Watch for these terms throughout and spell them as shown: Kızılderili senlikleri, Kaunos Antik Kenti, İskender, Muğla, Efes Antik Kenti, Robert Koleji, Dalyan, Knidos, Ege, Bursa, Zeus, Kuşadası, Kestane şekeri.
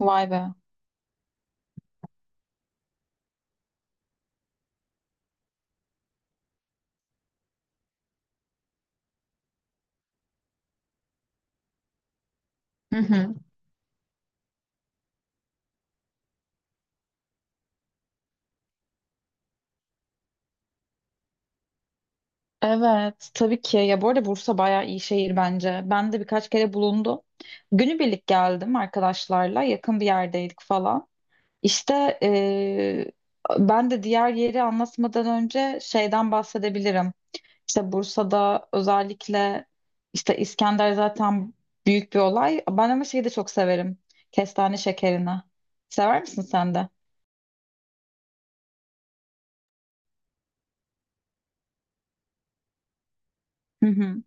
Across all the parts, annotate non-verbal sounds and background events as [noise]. Vay be. Hı hı. Evet, tabii ki. Ya bu arada Bursa bayağı iyi şehir bence. Ben de birkaç kere bulundum. Günübirlik geldim arkadaşlarla. Yakın bir yerdeydik falan. İşte ben de diğer yeri anlatmadan önce şeyden bahsedebilirim. İşte Bursa'da özellikle işte İskender zaten büyük bir olay. Ben ama şeyi de çok severim. Kestane şekerini. Sever misin sen de? Hı hı.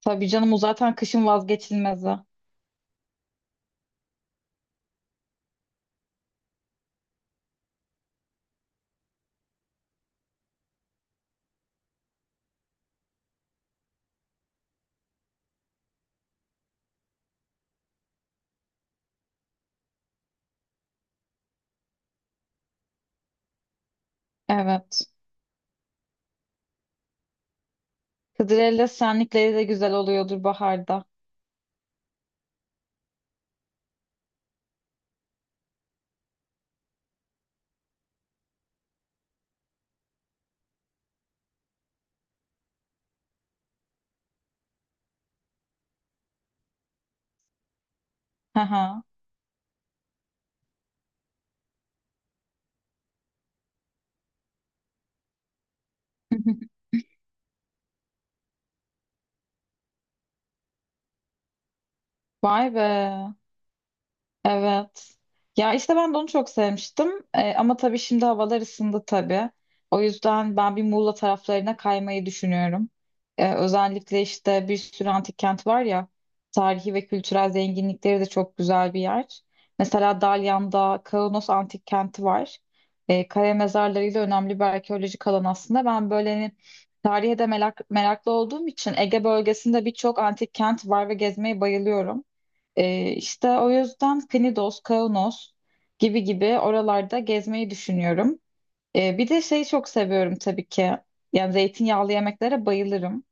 Tabii canım o zaten kışın vazgeçilmezi. Evet. Kızılderili senlikleri de güzel oluyordur baharda. Haha. [laughs] Vay be. Evet. Ya işte ben de onu çok sevmiştim. Ama tabii şimdi havalar ısındı tabii. O yüzden ben bir Muğla taraflarına kaymayı düşünüyorum. Özellikle işte bir sürü antik kent var ya. Tarihi ve kültürel zenginlikleri de çok güzel bir yer. Mesela Dalyan'da Kaunos Antik Kenti var. Kaya mezarlarıyla önemli bir arkeolojik alan aslında. Ben böyle hani tarihe de meraklı olduğum için Ege bölgesinde birçok antik kent var ve gezmeyi bayılıyorum. İşte o yüzden Knidos, Kaunos gibi gibi oralarda gezmeyi düşünüyorum. Bir de şeyi çok seviyorum tabii ki. Yani zeytinyağlı yemeklere bayılırım.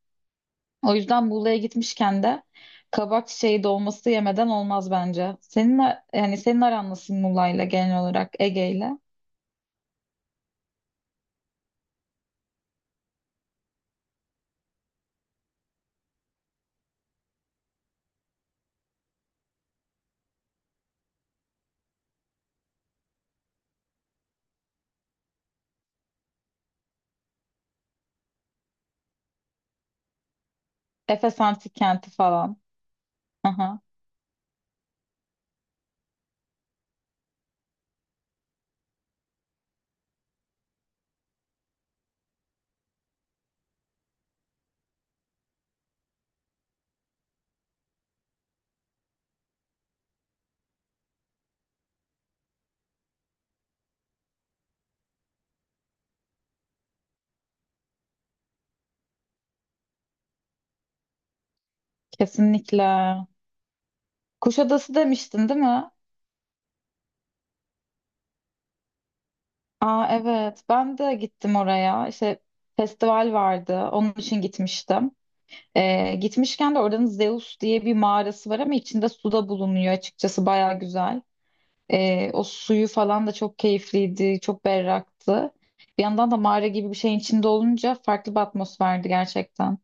O yüzden Muğla'ya gitmişken de kabak çiçeği dolması yemeden olmaz bence. Yani senin aran nasıl Muğla'yla genel olarak Ege'yle? Efes Antik Kenti falan. Aha, kesinlikle. Kuşadası demiştin değil mi? Aa, evet ben de gittim oraya. İşte festival vardı onun için gitmiştim. Gitmişken de oranın Zeus diye bir mağarası var ama içinde su da bulunuyor açıkçası baya güzel. O suyu falan da çok keyifliydi, çok berraktı. Bir yandan da mağara gibi bir şeyin içinde olunca farklı bir atmosferdi gerçekten.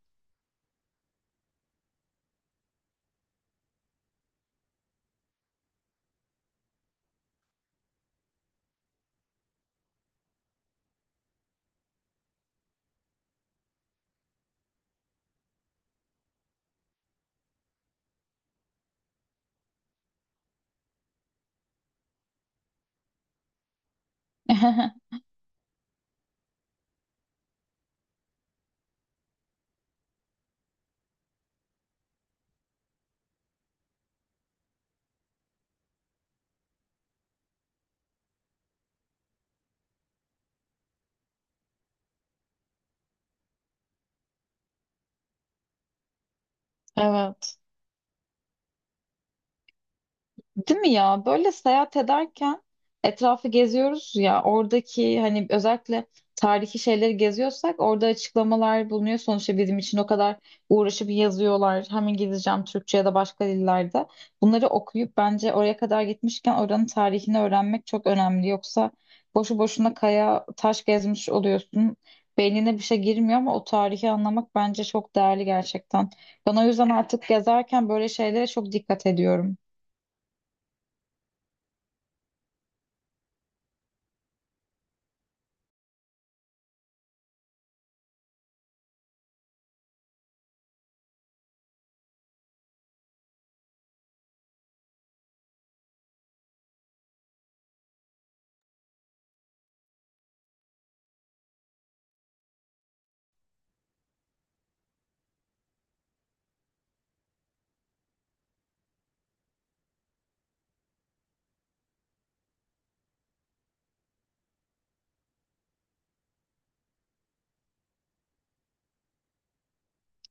[laughs] Evet. Değil mi ya? Böyle seyahat ederken etrafı geziyoruz ya oradaki hani özellikle tarihi şeyleri geziyorsak orada açıklamalar bulunuyor. Sonuçta bizim için o kadar uğraşıp yazıyorlar. Hem İngilizce hem Türkçe ya da başka dillerde. Bunları okuyup bence oraya kadar gitmişken oranın tarihini öğrenmek çok önemli. Yoksa boşu boşuna kaya taş gezmiş oluyorsun. Beynine bir şey girmiyor ama o tarihi anlamak bence çok değerli gerçekten. Ben o yüzden artık gezerken böyle şeylere çok dikkat ediyorum.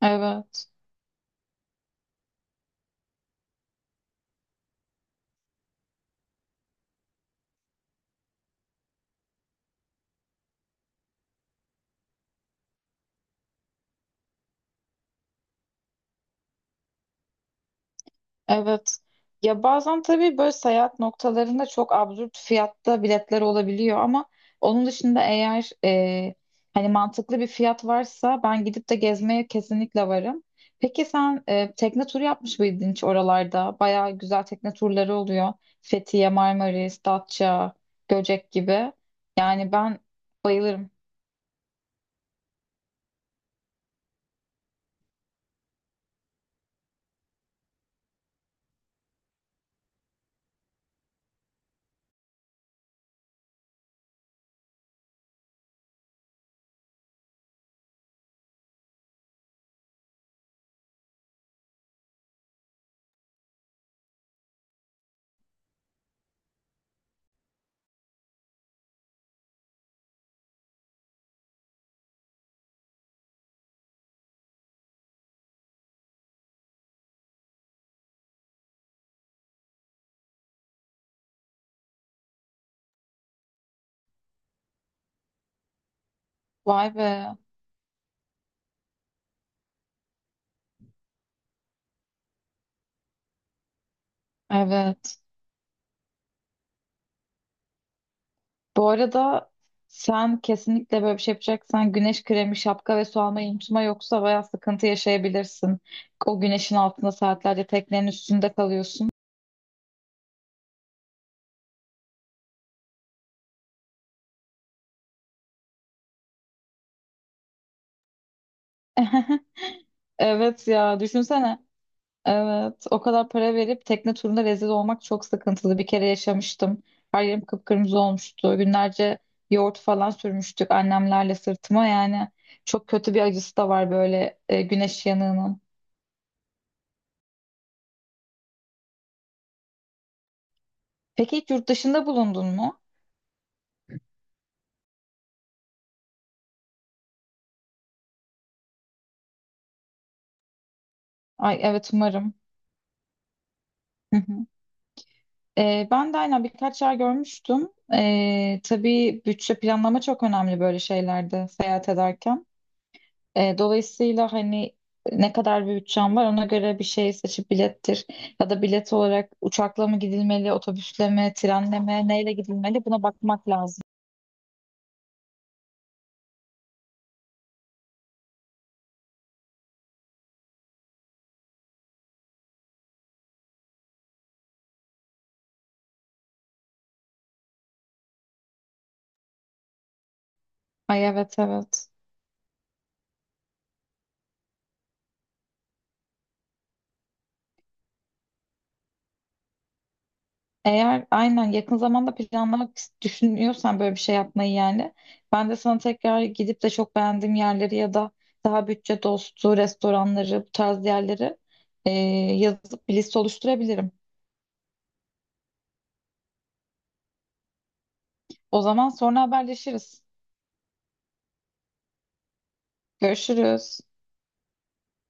Evet. Evet. Ya bazen tabii böyle seyahat noktalarında çok absürt fiyatta biletler olabiliyor ama onun dışında eğer hani mantıklı bir fiyat varsa ben gidip de gezmeye kesinlikle varım. Peki sen tekne turu yapmış mıydın hiç oralarda? Bayağı güzel tekne turları oluyor. Fethiye, Marmaris, Datça, Göcek gibi. Yani ben bayılırım. Vay be. Evet. Bu arada sen kesinlikle böyle bir şey yapacaksan güneş kremi, şapka ve su almayı unutma yoksa bayağı sıkıntı yaşayabilirsin. O güneşin altında saatlerce teknenin üstünde kalıyorsun. [laughs] Evet ya düşünsene. Evet, o kadar para verip tekne turunda rezil olmak çok sıkıntılı. Bir kere yaşamıştım. Her yerim kıpkırmızı olmuştu. Günlerce yoğurt falan sürmüştük annemlerle sırtıma yani. Çok kötü bir acısı da var böyle güneş yanığının. Peki hiç yurt dışında bulundun mu? Ay evet umarım. Hı hı. Ben de aynen birkaç yer görmüştüm. Tabii bütçe planlama çok önemli böyle şeylerde seyahat ederken. Dolayısıyla hani ne kadar bir bütçem var ona göre bir şey seçip bilettir. Ya da bilet olarak uçakla mı gidilmeli, otobüsle mi, trenle mi, neyle gidilmeli buna bakmak lazım. Ay evet evet. Eğer aynen yakın zamanda düşünüyorsan böyle bir şey yapmayı, yani ben de sana tekrar gidip de çok beğendiğim yerleri ya da daha bütçe dostu restoranları bu tarz yerleri e, yazıp bir liste oluşturabilirim. O zaman sonra haberleşiriz. Görüşürüz.